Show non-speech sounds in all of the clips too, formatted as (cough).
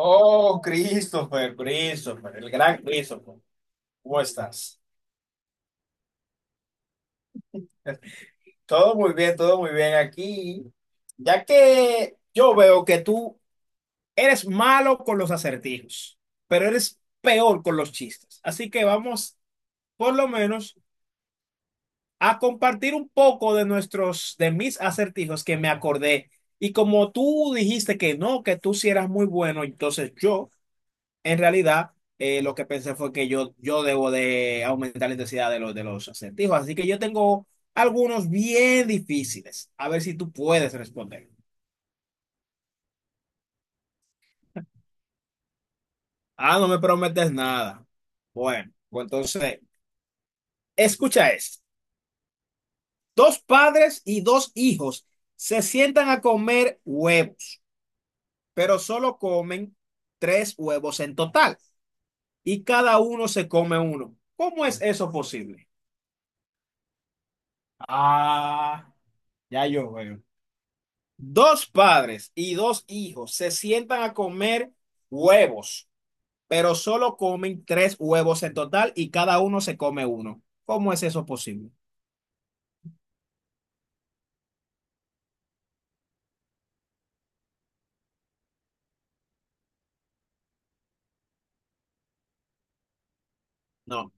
Oh, Christopher, Christopher, el gran Christopher. ¿Cómo estás? Todo muy bien aquí. Ya que yo veo que tú eres malo con los acertijos, pero eres peor con los chistes. Así que vamos, por lo menos, a compartir un poco de mis acertijos que me acordé. Y como tú dijiste que no, que tú sí eras muy bueno, entonces yo. En realidad, lo que pensé fue que yo debo de aumentar la intensidad de los acertijos. Así que yo tengo algunos bien difíciles. A ver si tú puedes responder. Ah, no me prometes nada. Bueno, pues entonces, escucha esto. Dos padres y dos hijos se sientan a comer huevos, pero solo comen tres huevos en total y cada uno se come uno. ¿Cómo es eso posible? Ah, ya yo veo. Dos padres y dos hijos se sientan a comer huevos, pero solo comen tres huevos en total y cada uno se come uno. ¿Cómo es eso posible? No,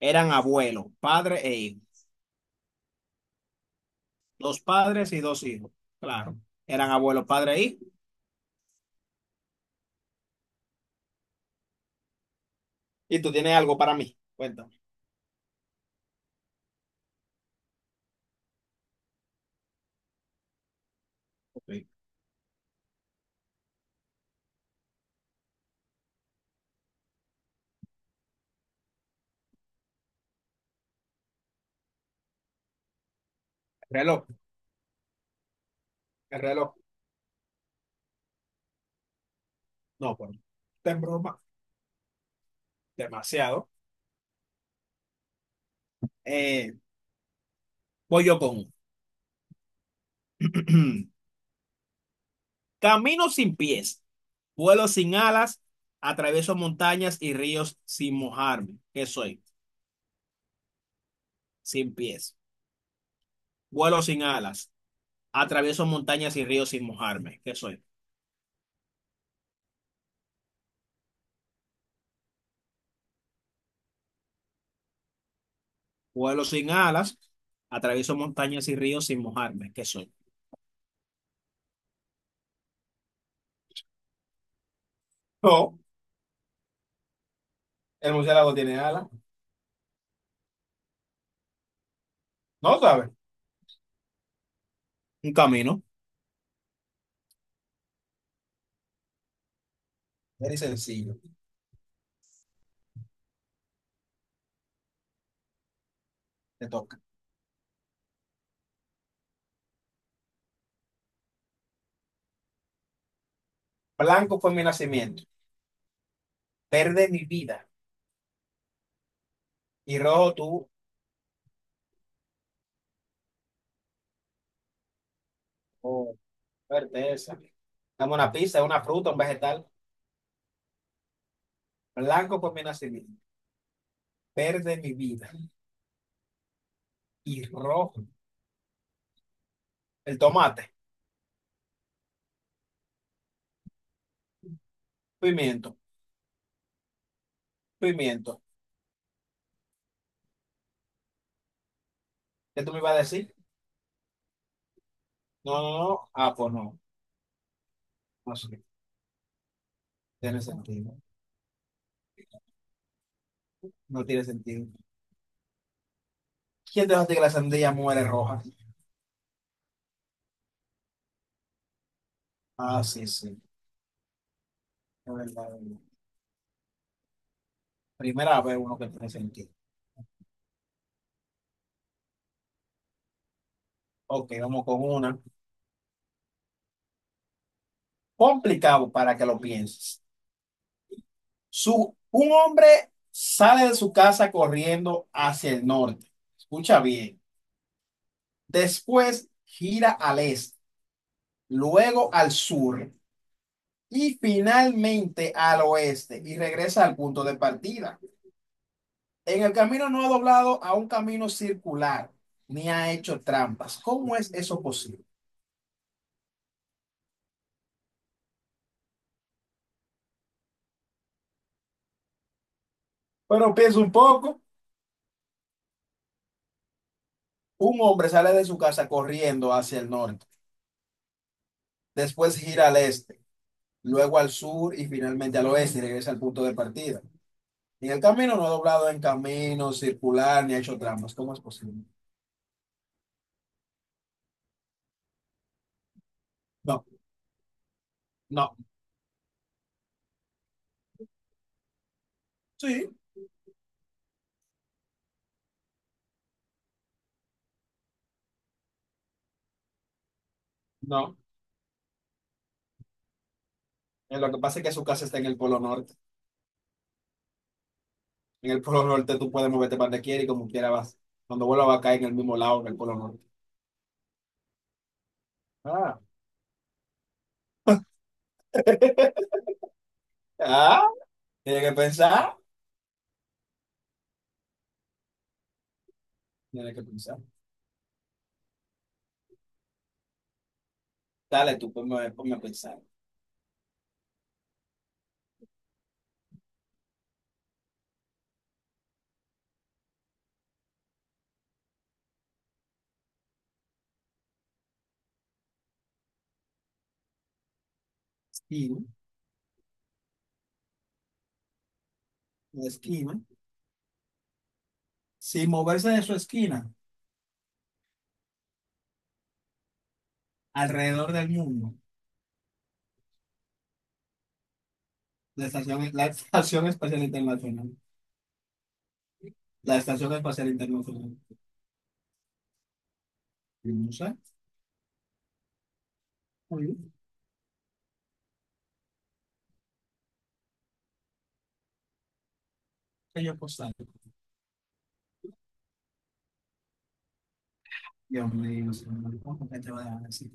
eran abuelos, padre e hijo. Dos padres y dos hijos. Claro, eran abuelos, padre e hijo. Y tú tienes algo para mí. Cuéntame. El reloj, el reloj. No, pues, te broma. Demasiado. Eh, voy yo con uno. (clears throat) Camino sin pies. Vuelo sin alas, atravieso montañas y ríos sin mojarme. ¿Qué soy? Sin pies. Vuelo sin alas, atravieso montañas y ríos sin mojarme. ¿Qué soy? Vuelo sin alas, atravieso montañas y ríos sin mojarme. ¿Qué soy? No, el murciélago tiene alas. No sabes. Un camino. Muy sencillo. Te toca. Blanco fue mi nacimiento. Verde mi vida. Y rojo tú. Oh, fuerte esa. Dame una pista, una fruta, un vegetal. Blanco fue mi nacimiento. Verde mi vida. Y rojo. El tomate, pimiento, pimiento. ¿Qué tú me ibas a decir? No, no, no. Ah, pues no. No sé. Tiene sentido. No tiene sentido. ¿Quién te dice que la sandía muere roja? Ah, sí, sí. Es verdad, es verdad. Primera vez uno que tiene sentido. Ok, vamos con una. Complicado para que lo pienses. Un hombre sale de su casa corriendo hacia el norte. Escucha bien. Después gira al este, luego al sur y finalmente al oeste y regresa al punto de partida. En el camino no ha doblado a un camino circular ni ha hecho trampas. ¿Cómo es eso posible? Pero piensa un poco. Un hombre sale de su casa corriendo hacia el norte, después gira al este, luego al sur y finalmente al oeste y regresa al punto de partida. En el camino no ha doblado en camino circular ni ha hecho trampas. ¿Cómo es posible? No, no, sí, no. Lo que pasa es que su casa está en el polo norte. En el Polo Norte tú puedes moverte para donde quieras y como quieras vas. Cuando vuelvas va a caer en el mismo lado que el Polo Norte. Ah, ah, tienes que pensar. Tienes que pensar. Dale, tú ponme, ponme a pensar. Esquina, la esquina. Sin moverse de su esquina, alrededor del mundo. La Estación Espacial Internacional. La Estación Espacial Internacional. Y no sé. Muy bien. Que yo postal. Dios mío, señor, ¿cómo que te voy a dejar así?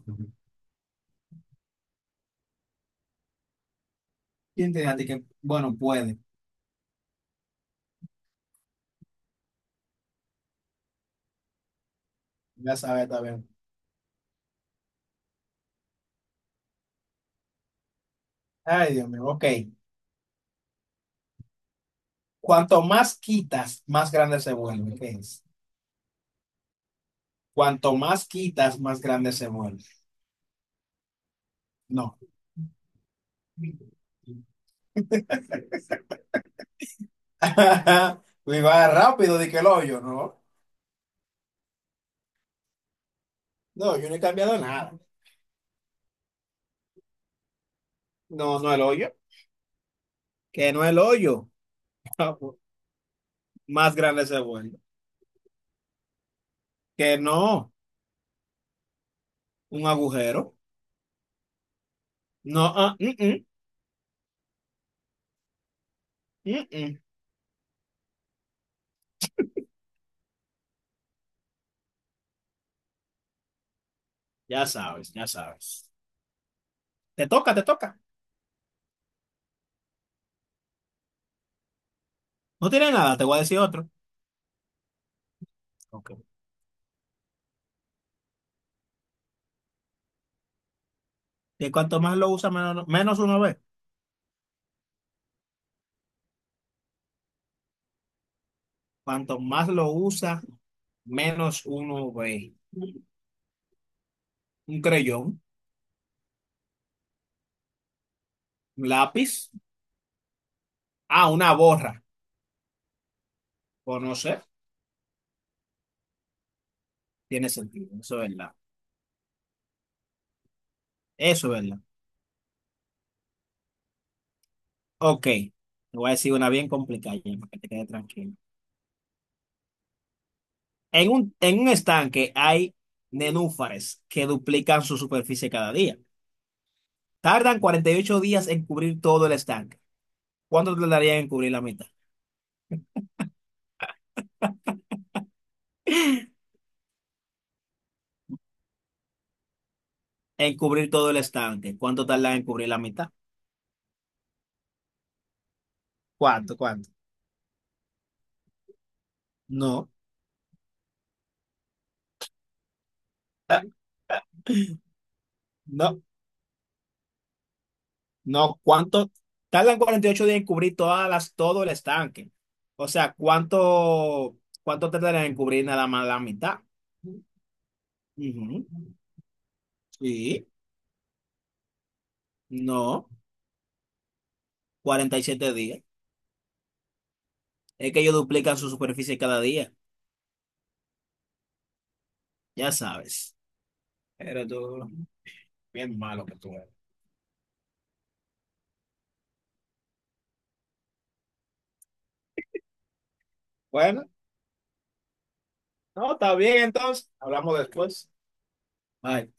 ¿Quién te dice a ti que, bueno, puede? Ya sabes, está bien. Ay, Dios mío, ok. Cuanto más quitas, más grande se vuelve. ¿Qué es? Cuanto más quitas, más grande se vuelve. No. (laughs) Y va rápido, de que el hoyo, ¿no? No, yo no he cambiado nada. No, no el hoyo. Que no el hoyo. (laughs) Más grande se vuelve. Que no, un agujero. No, ah, mm, mm, mm, mm. Ya sabes, ya sabes. Te toca, te toca. No tiene nada, te voy a decir otro. Ok. Que cuanto más lo usa, menos uno ve. Cuanto más lo usa, menos uno 20. Un creyón, un lápiz. Ah, una borra. O no sé. Tiene sentido. Eso es verdad. Eso es verdad. Ok. Te voy a decir una bien complicada, ya, para que te quede tranquilo. En un estanque hay nenúfares que duplican su superficie cada día. Tardan 48 días en cubrir todo el estanque. ¿Cuánto tardarían en cubrir la mitad? (gasps) (laughs) En cubrir todo el estanque. ¿Cuánto tardan en cubrir la mitad? ¿Cuánto? ¿Cuánto? No. (laughs) No. No, ¿cuánto? Tardan 48 días en cubrir todo el estanque. O sea, ¿cuánto, cuánto tardan en cubrir nada más la mitad? Ujú. Sí, no, 47 días. Es que ellos duplican su superficie cada día, ya sabes. Pero tú, bien malo que tú eres. Bueno, no, está bien entonces. Hablamos después. Bye.